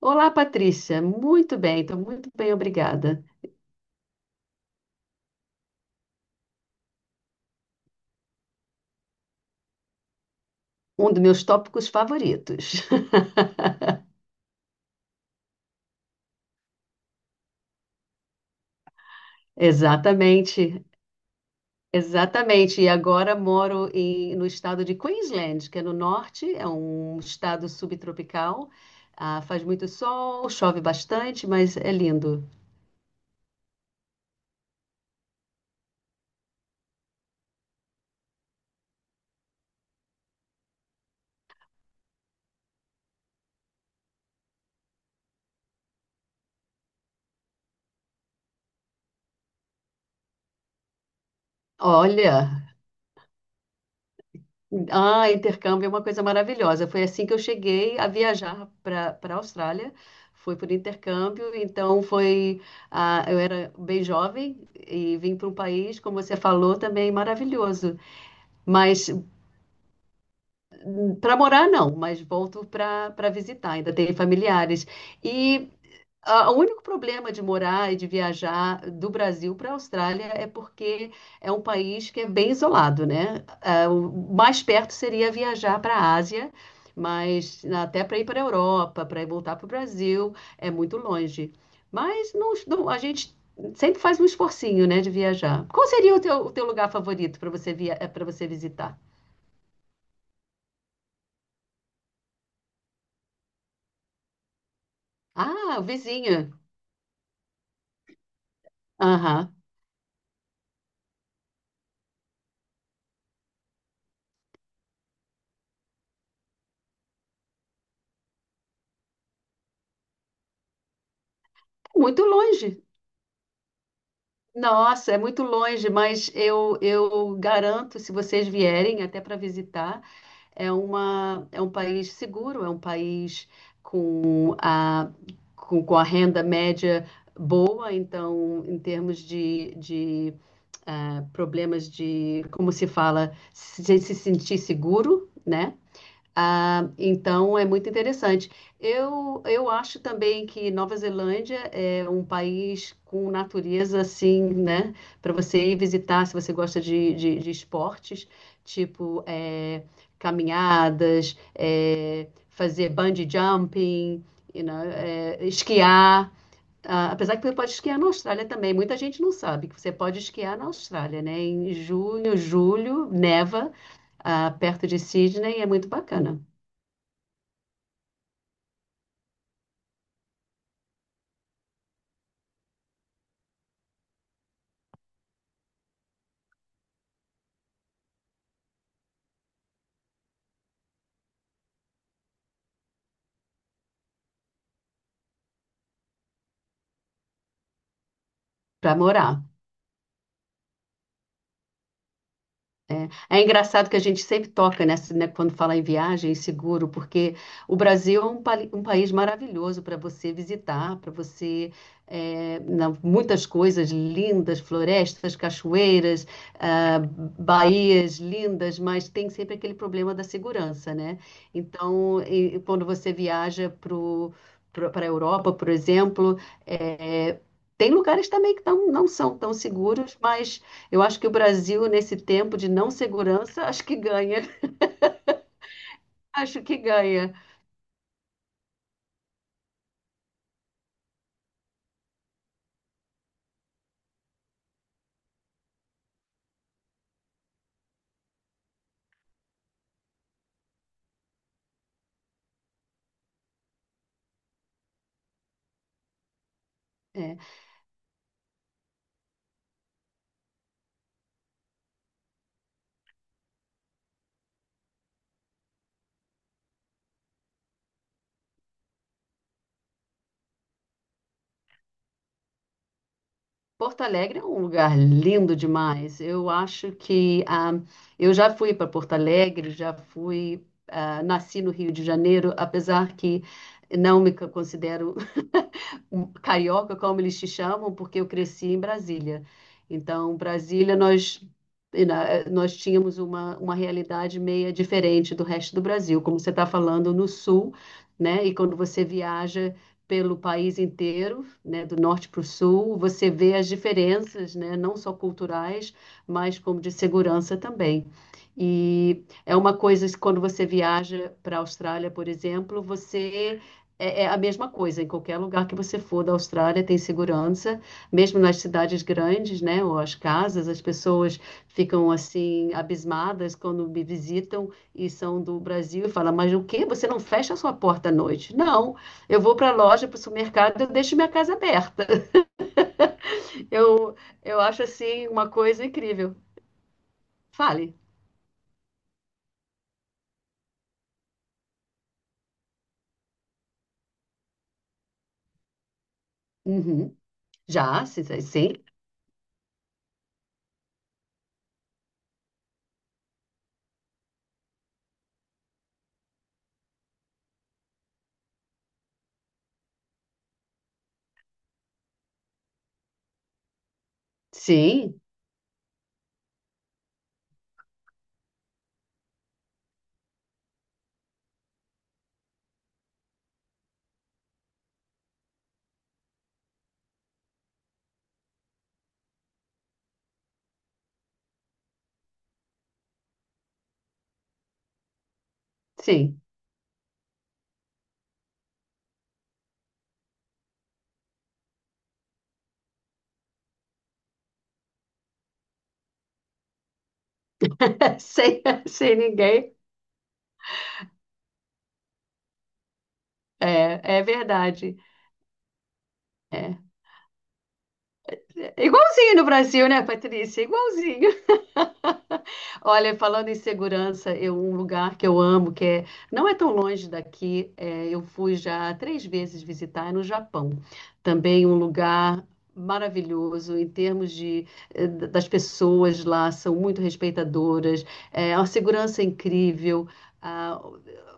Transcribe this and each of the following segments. Olá, Patrícia. Muito bem, estou muito bem, obrigada. Um dos meus tópicos favoritos. Exatamente, exatamente. E agora moro no estado de Queensland, que é no norte, é um estado subtropical. Faz muito sol, chove bastante, mas é lindo. Olha. Ah, intercâmbio é uma coisa maravilhosa. Foi assim que eu cheguei a viajar para a Austrália. Foi por intercâmbio, então foi. Eu era bem jovem e vim para um país, como você falou, também maravilhoso. Mas para morar, não, mas volto para visitar, ainda tenho familiares. E ah, o único problema de morar e de viajar do Brasil para a Austrália é porque é um país que é bem isolado, né? O mais perto seria viajar para a Ásia, mas até para ir para a Europa, para ir voltar para o Brasil, é muito longe. Mas a gente sempre faz um esforcinho, né, de viajar. Qual seria o teu lugar favorito para para você visitar? Ah, o vizinho. Aham. É muito longe. Nossa, é muito longe, mas eu garanto, se vocês vierem até para visitar, é um país seguro, é um país com a, com a renda média boa, então, em termos de problemas de, como se fala, se sentir seguro, né? Ah, então é muito interessante. Eu acho também que Nova Zelândia é um país com natureza assim, né? Para você ir visitar, se você gosta de esportes, tipo é, caminhadas, é, fazer bungee jumping, you know, é, esquiar. Ah, apesar que você pode esquiar na Austrália também, muita gente não sabe que você pode esquiar na Austrália, né? Em junho, julho, neva, ah, perto de Sydney, é muito bacana. Para morar. É. É engraçado que a gente sempre toca nessa, né, quando fala em viagem seguro, porque o Brasil é um país maravilhoso para você visitar, para você muitas coisas lindas, florestas, cachoeiras, ah, baías lindas, mas tem sempre aquele problema da segurança, né? Então, e quando você viaja para a Europa, por exemplo, é, tem lugares também que não são tão seguros, mas eu acho que o Brasil, nesse tempo de não segurança, acho que ganha. Acho que ganha. É. Porto Alegre é um lugar lindo demais. Eu acho que ah, eu já fui para Porto Alegre, já fui, ah, nasci no Rio de Janeiro, apesar que não me considero um carioca, como eles te chamam, porque eu cresci em Brasília. Então, Brasília, nós tínhamos uma realidade meia diferente do resto do Brasil, como você está falando no sul, né? E quando você viaja pelo país inteiro, né, do norte para o sul, você vê as diferenças, né, não só culturais, mas como de segurança também. E é uma coisa que quando você viaja para a Austrália, por exemplo, é a mesma coisa, em qualquer lugar que você for da Austrália tem segurança, mesmo nas cidades grandes, né, ou as casas, as pessoas ficam assim abismadas quando me visitam e são do Brasil e falam, mas o quê? Você não fecha a sua porta à noite? Não, eu vou para a loja, para o supermercado, eu deixo minha casa aberta. Eu, eu acho assim uma coisa incrível. Fale. Uhum. Já? Sim, sim, sim. Sim. Sem, sem ninguém. É, é verdade. É. Igualzinho no Brasil, né, Patrícia? Igualzinho. Olha, falando em segurança, um lugar que eu amo, não é tão longe daqui, é, eu fui já 3 vezes visitar, é no Japão. Também um lugar maravilhoso em termos de, das pessoas lá, são muito respeitadoras, é, uma segurança incrível, ah,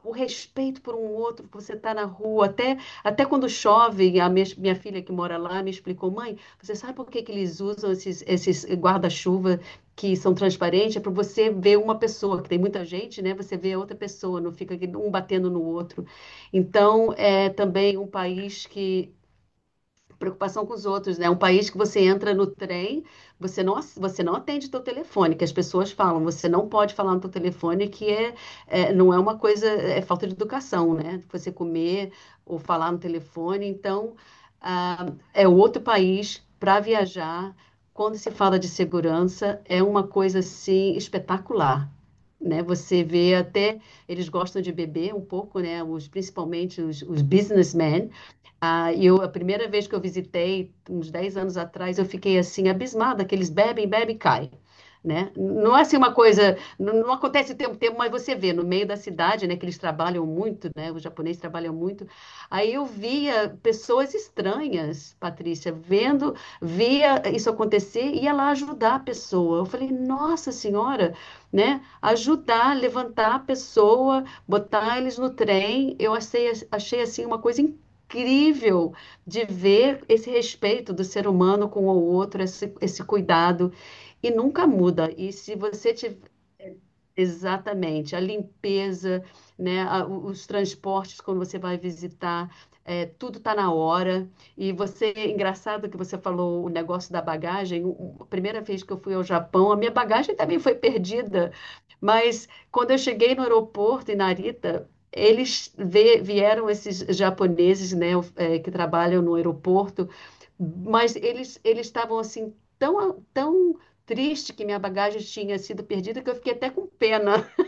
o respeito por um outro, você está na rua, até, até quando chove, minha filha que mora lá me explicou, mãe, você sabe por que que eles usam esses guarda-chuva? Que são transparentes, é para você ver uma pessoa, que tem muita gente, né? Você vê a outra pessoa, não fica um batendo no outro. Então, é também um país que preocupação com os outros, né? Um país que você entra no trem, você não atende teu telefone, que as pessoas falam, você não pode falar no teu telefone, é, não é uma coisa, é falta de educação, né? Você comer ou falar no telefone, então ah, é outro país para viajar. Quando se fala de segurança, é uma coisa assim espetacular. Né? Você vê até, eles gostam de beber um pouco, né? Principalmente os businessmen, E eu, a primeira vez que eu visitei, uns 10 anos atrás, eu fiquei assim, abismada, que eles bebem, bebem e caem. Né? Não é assim uma coisa, não, não acontece o tempo, mas você vê no meio da cidade, né, que eles trabalham muito, né, os japoneses trabalham muito. Aí eu via pessoas estranhas, Patrícia, vendo, via isso acontecer e ia lá ajudar a pessoa. Eu falei, nossa senhora, né, ajudar, levantar a pessoa, botar eles no trem. Eu achei, achei assim uma coisa incrível de ver esse respeito do ser humano com o outro, esse cuidado, e nunca muda. E se você ti- Exatamente, a limpeza, né, os transportes quando você vai visitar, é, tudo tá na hora. E você, engraçado que você falou o negócio da bagagem. A primeira vez que eu fui ao Japão, a minha bagagem também foi perdida. Mas quando eu cheguei no aeroporto em Narita, eles vieram esses japoneses, né, é, que trabalham no aeroporto, mas eles estavam assim tão triste que minha bagagem tinha sido perdida, que eu fiquei até com pena.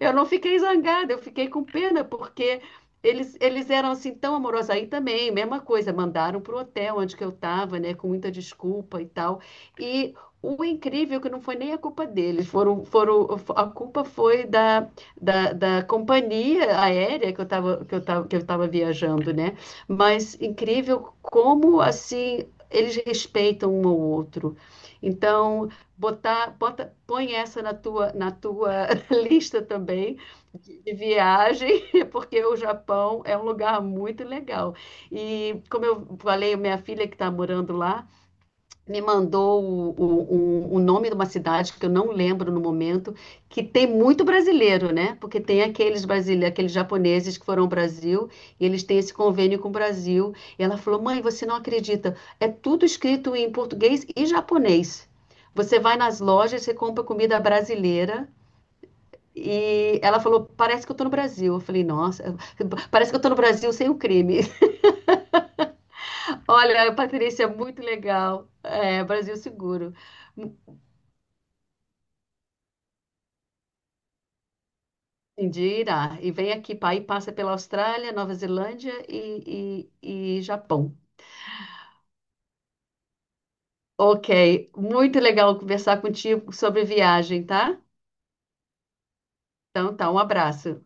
Eu não fiquei zangada, eu fiquei com pena, porque eles eram assim tão amorosos. Aí também, mesma coisa, mandaram para o hotel onde que eu estava, né, com muita desculpa e tal. E o incrível é que não foi nem a culpa deles, a culpa foi da companhia aérea que eu estava que eu tava viajando, né? Mas incrível como assim eles respeitam um ao outro. Então, põe essa na tua lista também de viagem, porque o Japão é um lugar muito legal. E como eu falei, minha filha que está morando lá, me mandou o nome de uma cidade que eu não lembro no momento, que tem muito brasileiro, né? Porque tem aqueles brasileiros, aqueles japoneses que foram ao Brasil e eles têm esse convênio com o Brasil. E ela falou: "Mãe, você não acredita? É tudo escrito em português e japonês. Você vai nas lojas, você compra comida brasileira." E ela falou, parece que eu tô no Brasil. Eu falei, nossa, parece que eu tô no Brasil sem o crime. Olha, Patrícia, muito legal. É, Brasil seguro. Indira, e vem aqui, pa- aí passa pela Austrália, Nova Zelândia e Japão. Ok, muito legal conversar contigo sobre viagem, tá? Então tá, um abraço.